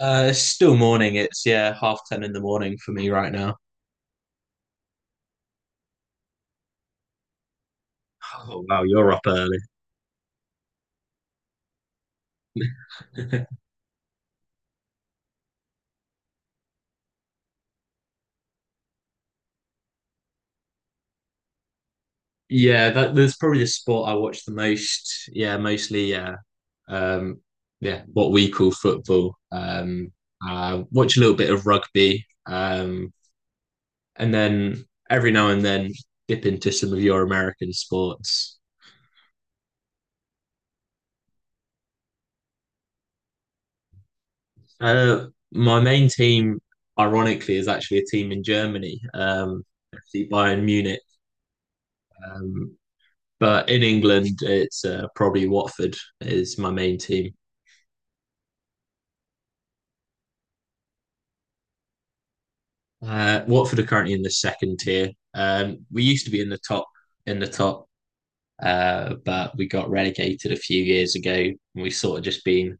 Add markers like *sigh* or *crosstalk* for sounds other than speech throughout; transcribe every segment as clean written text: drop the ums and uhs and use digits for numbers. It's still morning. It's, yeah, half ten in the morning for me right now. Oh wow, you're up early. *laughs* Yeah, that's probably the sport I watch the most. Yeah, mostly, yeah. Um, yeah, what we call football. I watch a little bit of rugby. And then every now and then dip into some of your American sports. My main team, ironically, is actually a team in Germany. FC Bayern Munich. Um, But in England, it's probably Watford is my main team. Watford are currently in the second tier. We used to be in the top in the top, but we got relegated a few years ago. And we've sort of just been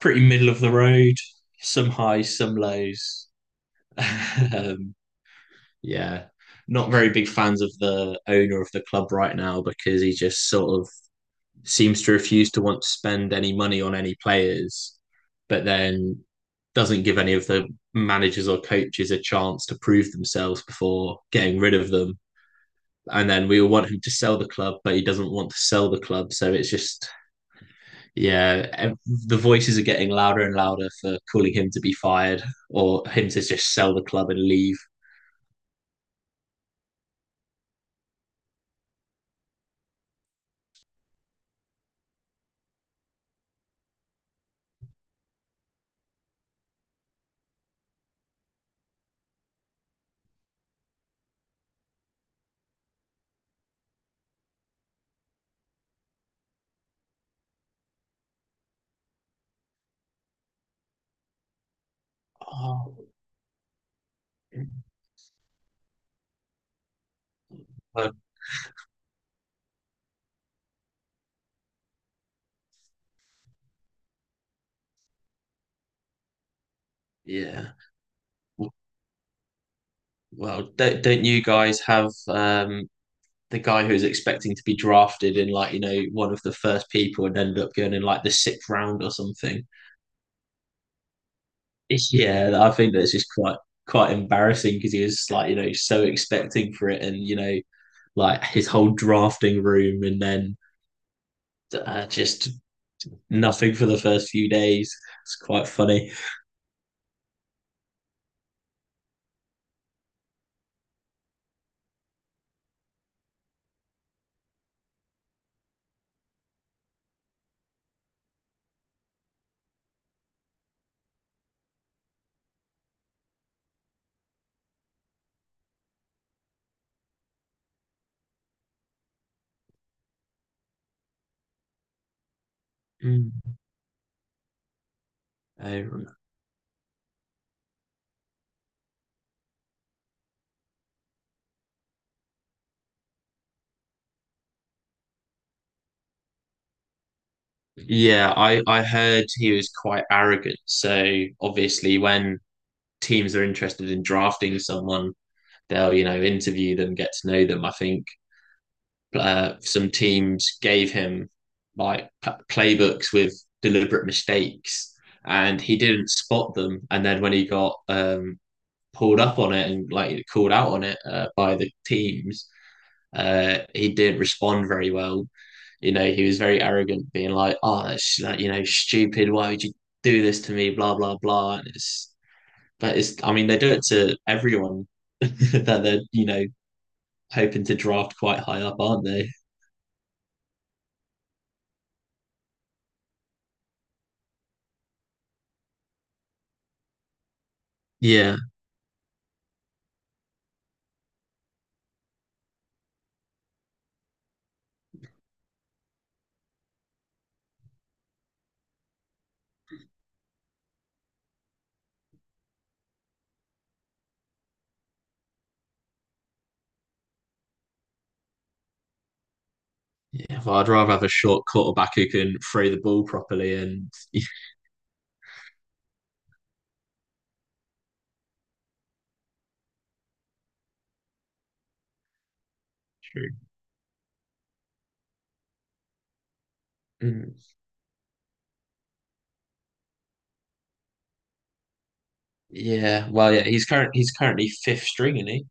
pretty middle of the road, some highs, some lows. *laughs* um, yeah, not very big fans of the owner of the club right now because he just sort of seems to refuse to want to spend any money on any players, but then doesn't give any of the managers or coaches a chance to prove themselves before getting rid of them. And then we all want him to sell the club, but he doesn't want to sell the club. So it's just, yeah, the voices are getting louder and louder for calling him to be fired or him to just sell the club and leave. Oh, uh, yeah. Well, don't you guys have the guy who's expecting to be drafted in, like, one of the first people and ended up going in, like, the sixth round or something? Yeah, I think that's just quite embarrassing because he was, like, you know, so expecting for it and, like his whole drafting room and then, just nothing for the first few days. It's quite funny. Mm. Um, yeah, I heard he was quite arrogant. So obviously when teams are interested in drafting someone, they'll interview them, get to know them. I think some teams gave him, like, playbooks with deliberate mistakes, and he didn't spot them. And then when he got, pulled up on it and, like, called out on it, by the teams. He didn't respond very well. You know, he was very arrogant, being like, "Oh, that's, like, stupid. Why would you do this to me?" Blah blah blah. And it's but it's, I mean, they do it to everyone *laughs* that they're, hoping to draft quite high up, aren't they? Yeah. Yeah. Well, I'd rather have a short quarterback who can throw the ball properly and *laughs* True. Mm, yeah. Well, yeah. He's currently fifth string, isn't he?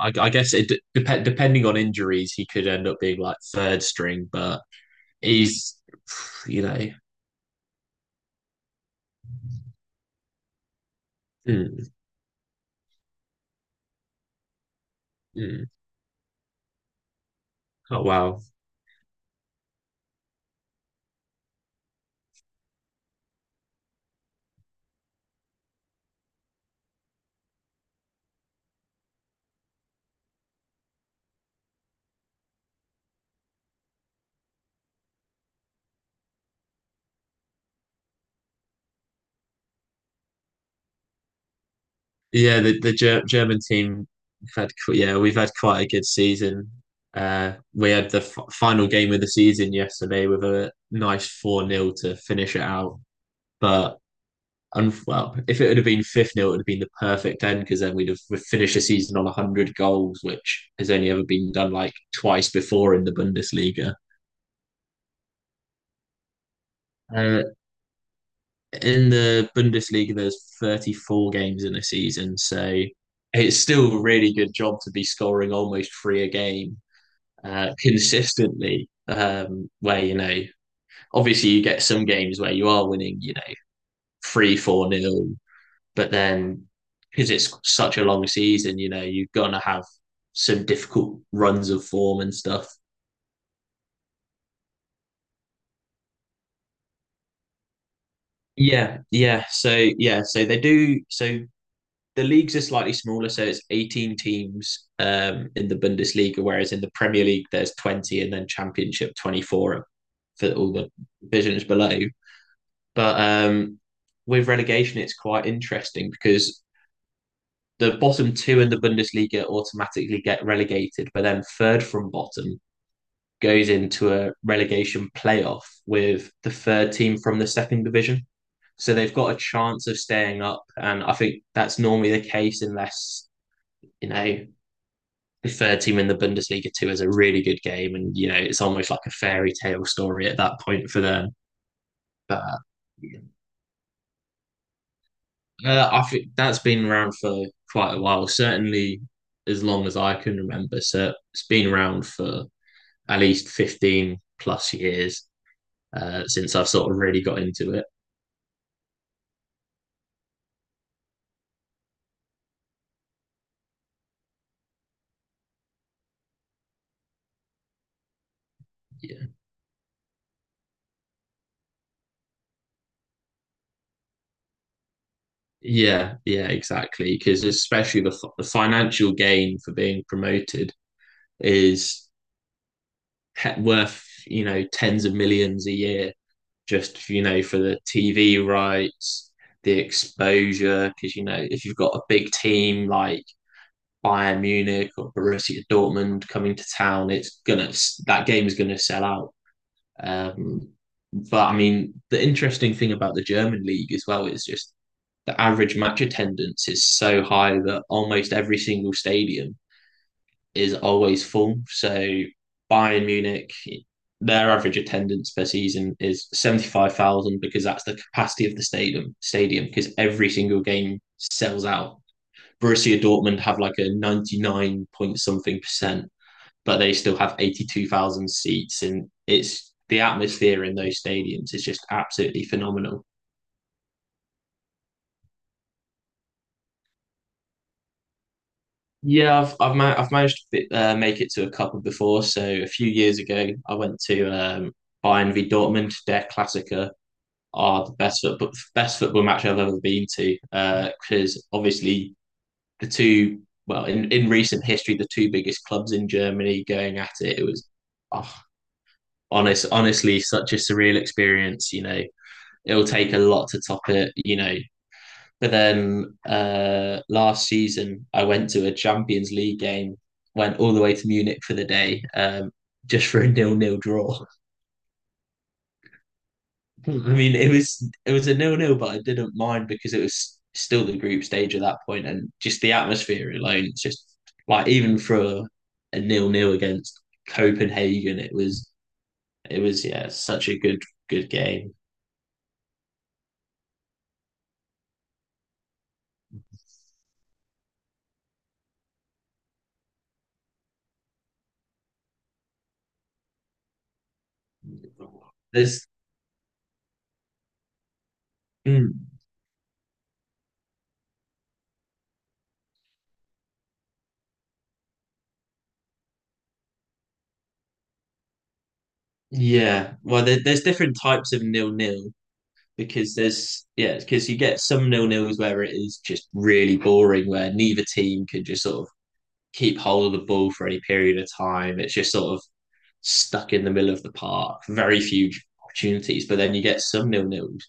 I guess it depending on injuries, he could end up being, like, third string, but he's, *sighs* you know, mm, mm. Oh wow. Yeah, the German team had qu- yeah we've had quite a good season. We had the final game of the season yesterday with a nice four nil to finish it out. But well, if it would have been fifth nil, it would have been the perfect end because then we'd finished the season on 100 goals, which has only ever been done, like, twice before in the Bundesliga. Uh, in the Bundesliga, there's 34 games in a season, so it's still a really good job to be scoring almost three a game, *laughs* consistently. Where, you know, obviously, you get some games where you are winning, you know, three, four nil, but then because it's such a long season, you know, you're gonna have some difficult runs of form and stuff. Yeah, yeah. So, yeah, so they do. So the leagues are slightly smaller, so it's 18 teams, in the Bundesliga, whereas in the Premier League there's 20, and then Championship 24 for all the divisions below. But with relegation, it's quite interesting because the bottom two in the Bundesliga automatically get relegated, but then third from bottom goes into a relegation playoff with the third team from the second division. So they've got a chance of staying up. And I think that's normally the case unless, you know, the third team in the Bundesliga too is a really good game. And, you know, it's almost like a fairy tale story at that point for them. But yeah. I think that's been around for quite a while, certainly as long as I can remember. So it's been around for at least 15 plus years, since I've sort of really got into it. Yeah, yeah, yeah, exactly. Because especially the financial gain for being promoted is worth, tens of millions a year, just, for the TV rights, the exposure. Because, you know, if you've got a big team like Bayern Munich or Borussia Dortmund coming to town, it's gonna that game is gonna sell out. Um, but I mean, the interesting thing about the German league as well is just the average match attendance is so high that almost every single stadium is always full. So Bayern Munich, their average attendance per season is 75,000 because that's the capacity of the stadium because every single game sells out. Borussia Dortmund have, like, a 99 point something percent, but they still have 82,000 seats. And it's the atmosphere in those stadiums is just absolutely phenomenal. Yeah, I've managed to, make it to a couple before. So a few years ago, I went to, Bayern v Dortmund. Their Klassiker are the best football match I've ever been to. Because, obviously, the two well in recent history, the two biggest clubs in Germany going at it. It was, oh, honestly, such a surreal experience. You know, it'll take a lot to top it. You know, but then, last season I went to a Champions League game, went all the way to Munich for the day, just for a nil-nil draw. *laughs* I mean, it was a nil-nil, but I didn't mind because it was still the group stage at that point, and just the atmosphere alone. It's just like even for a nil-nil against Copenhagen, it was yeah such a good game. There's Mm, yeah. Well, there's different types of nil-nil because you get some nil-nils where it is just really boring, where neither team can just sort of keep hold of the ball for any period of time. It's just sort of stuck in the middle of the park. Very few opportunities. But then you get some nil-nils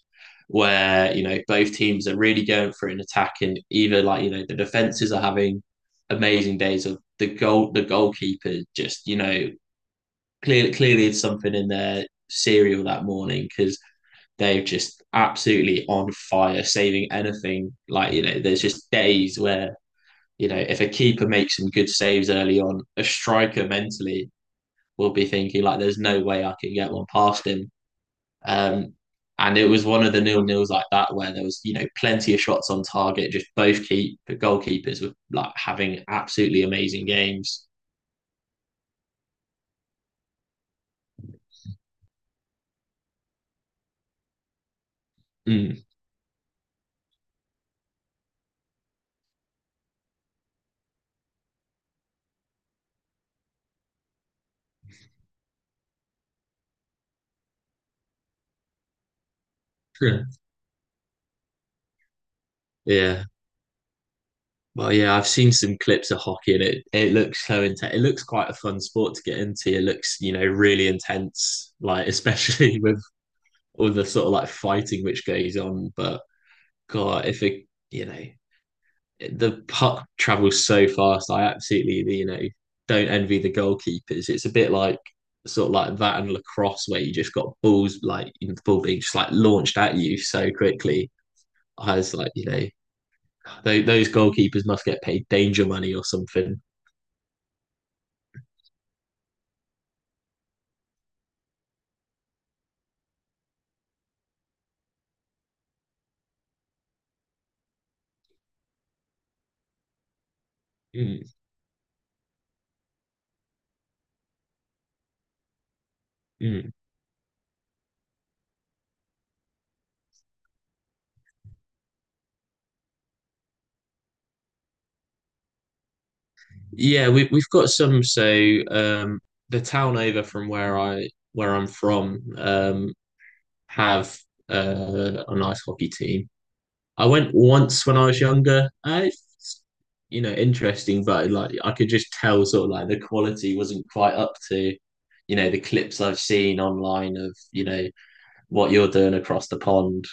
where, you know, both teams are really going for an attack, and either, like, you know, the defenses are having amazing days of the goalkeeper just, clearly, clearly, it's something in their cereal that morning because they've just absolutely on fire, saving anything. Like, there's just days where if a keeper makes some good saves early on, a striker mentally will be thinking, like, "There's no way I can get one past him." Um, and it was one of the nil nils like that where there was, plenty of shots on target. Just both keep goalkeepers were, like, having absolutely amazing games. Mm. Yeah, yeah. Well, yeah, I've seen some clips of hockey, and it looks so intense. It looks quite a fun sport to get into. It looks, you know, really intense, like *laughs* especially with all the sort of like fighting which goes on. But God, if it, you know, the puck travels so fast. I absolutely don't envy the goalkeepers. It's a bit like sort of like that and lacrosse where you just got balls like, the ball being just, like, launched at you so quickly. I was like, those goalkeepers must get paid danger money or something. Mm. Mm. Yeah, we've got some. So, um, the town over from where I'm from, have, a nice hockey team. I went once when I was younger. It's, interesting, but like I could just tell sort of like the quality wasn't quite up to, the clips I've seen online of, what you're doing across the pond.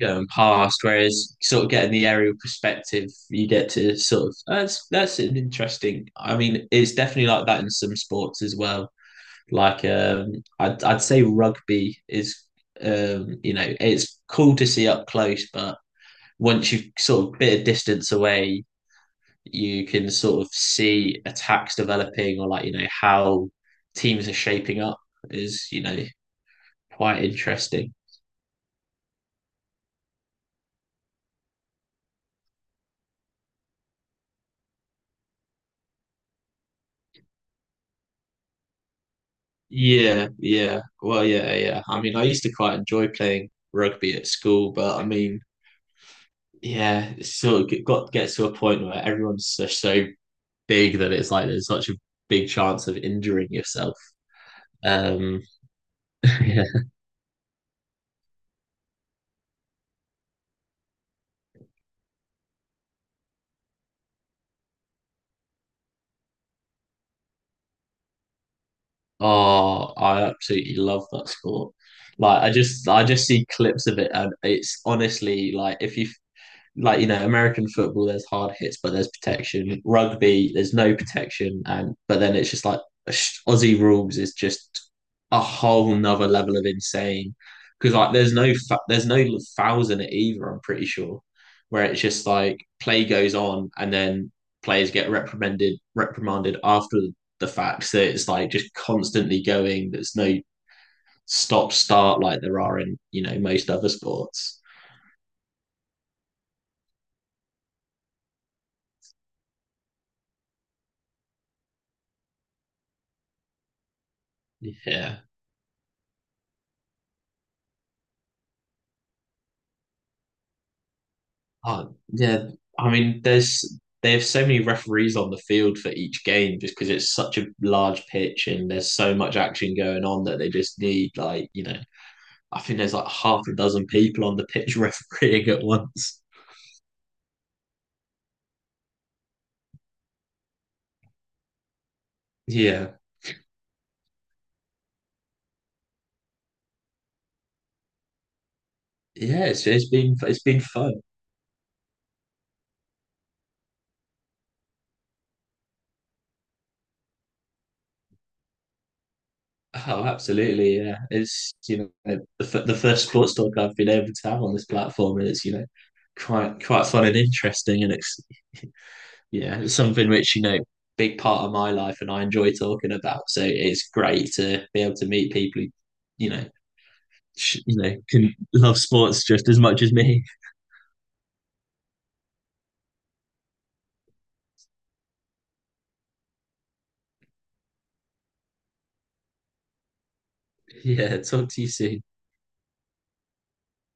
Going past. Whereas sort of getting the aerial perspective, you get to sort of that's an interesting. I mean, it's definitely like that in some sports as well. Like, I'd say rugby is, you know, it's cool to see up close, but once you sort of bit of distance away, you can sort of see attacks developing or, like, you know, how teams are shaping up is, quite interesting. Yeah, yeah. Well, yeah, yeah. I mean, I used to quite enjoy playing rugby at school, but I mean, yeah, it's sort of g- got gets to a point where everyone's so big that it's, like, there's such a big chance of injuring yourself. Um, *laughs* yeah. Oh, I absolutely love that sport. Like, I just see clips of it, and it's honestly like if you like, American football, there's hard hits, but there's protection. Rugby, there's no protection, and but then it's just like Aussie rules is just a whole nother level of insane because, like, there's no fouls in it either. I'm pretty sure where it's just like play goes on, and then players get reprimanded after the fact. So it's like just constantly going. There's no stop start like there are in, most other sports. Yeah. Oh, yeah. I mean, there's they have so many referees on the field for each game just because it's such a large pitch and there's so much action going on that they just need, like, you know, I think there's like half a dozen people on the pitch *laughs* refereeing at once. Yeah. Yeah, it's been fun. Oh, absolutely. Yeah. It's, you know, the first sports talk I've been able to have on this platform, and it's, quite fun and interesting, and it's Yeah, it's something which, big part of my life and I enjoy talking about. So it's great to be able to meet people who, you know, you know, can love sports just as much as me. *laughs* Yeah, talk to you soon.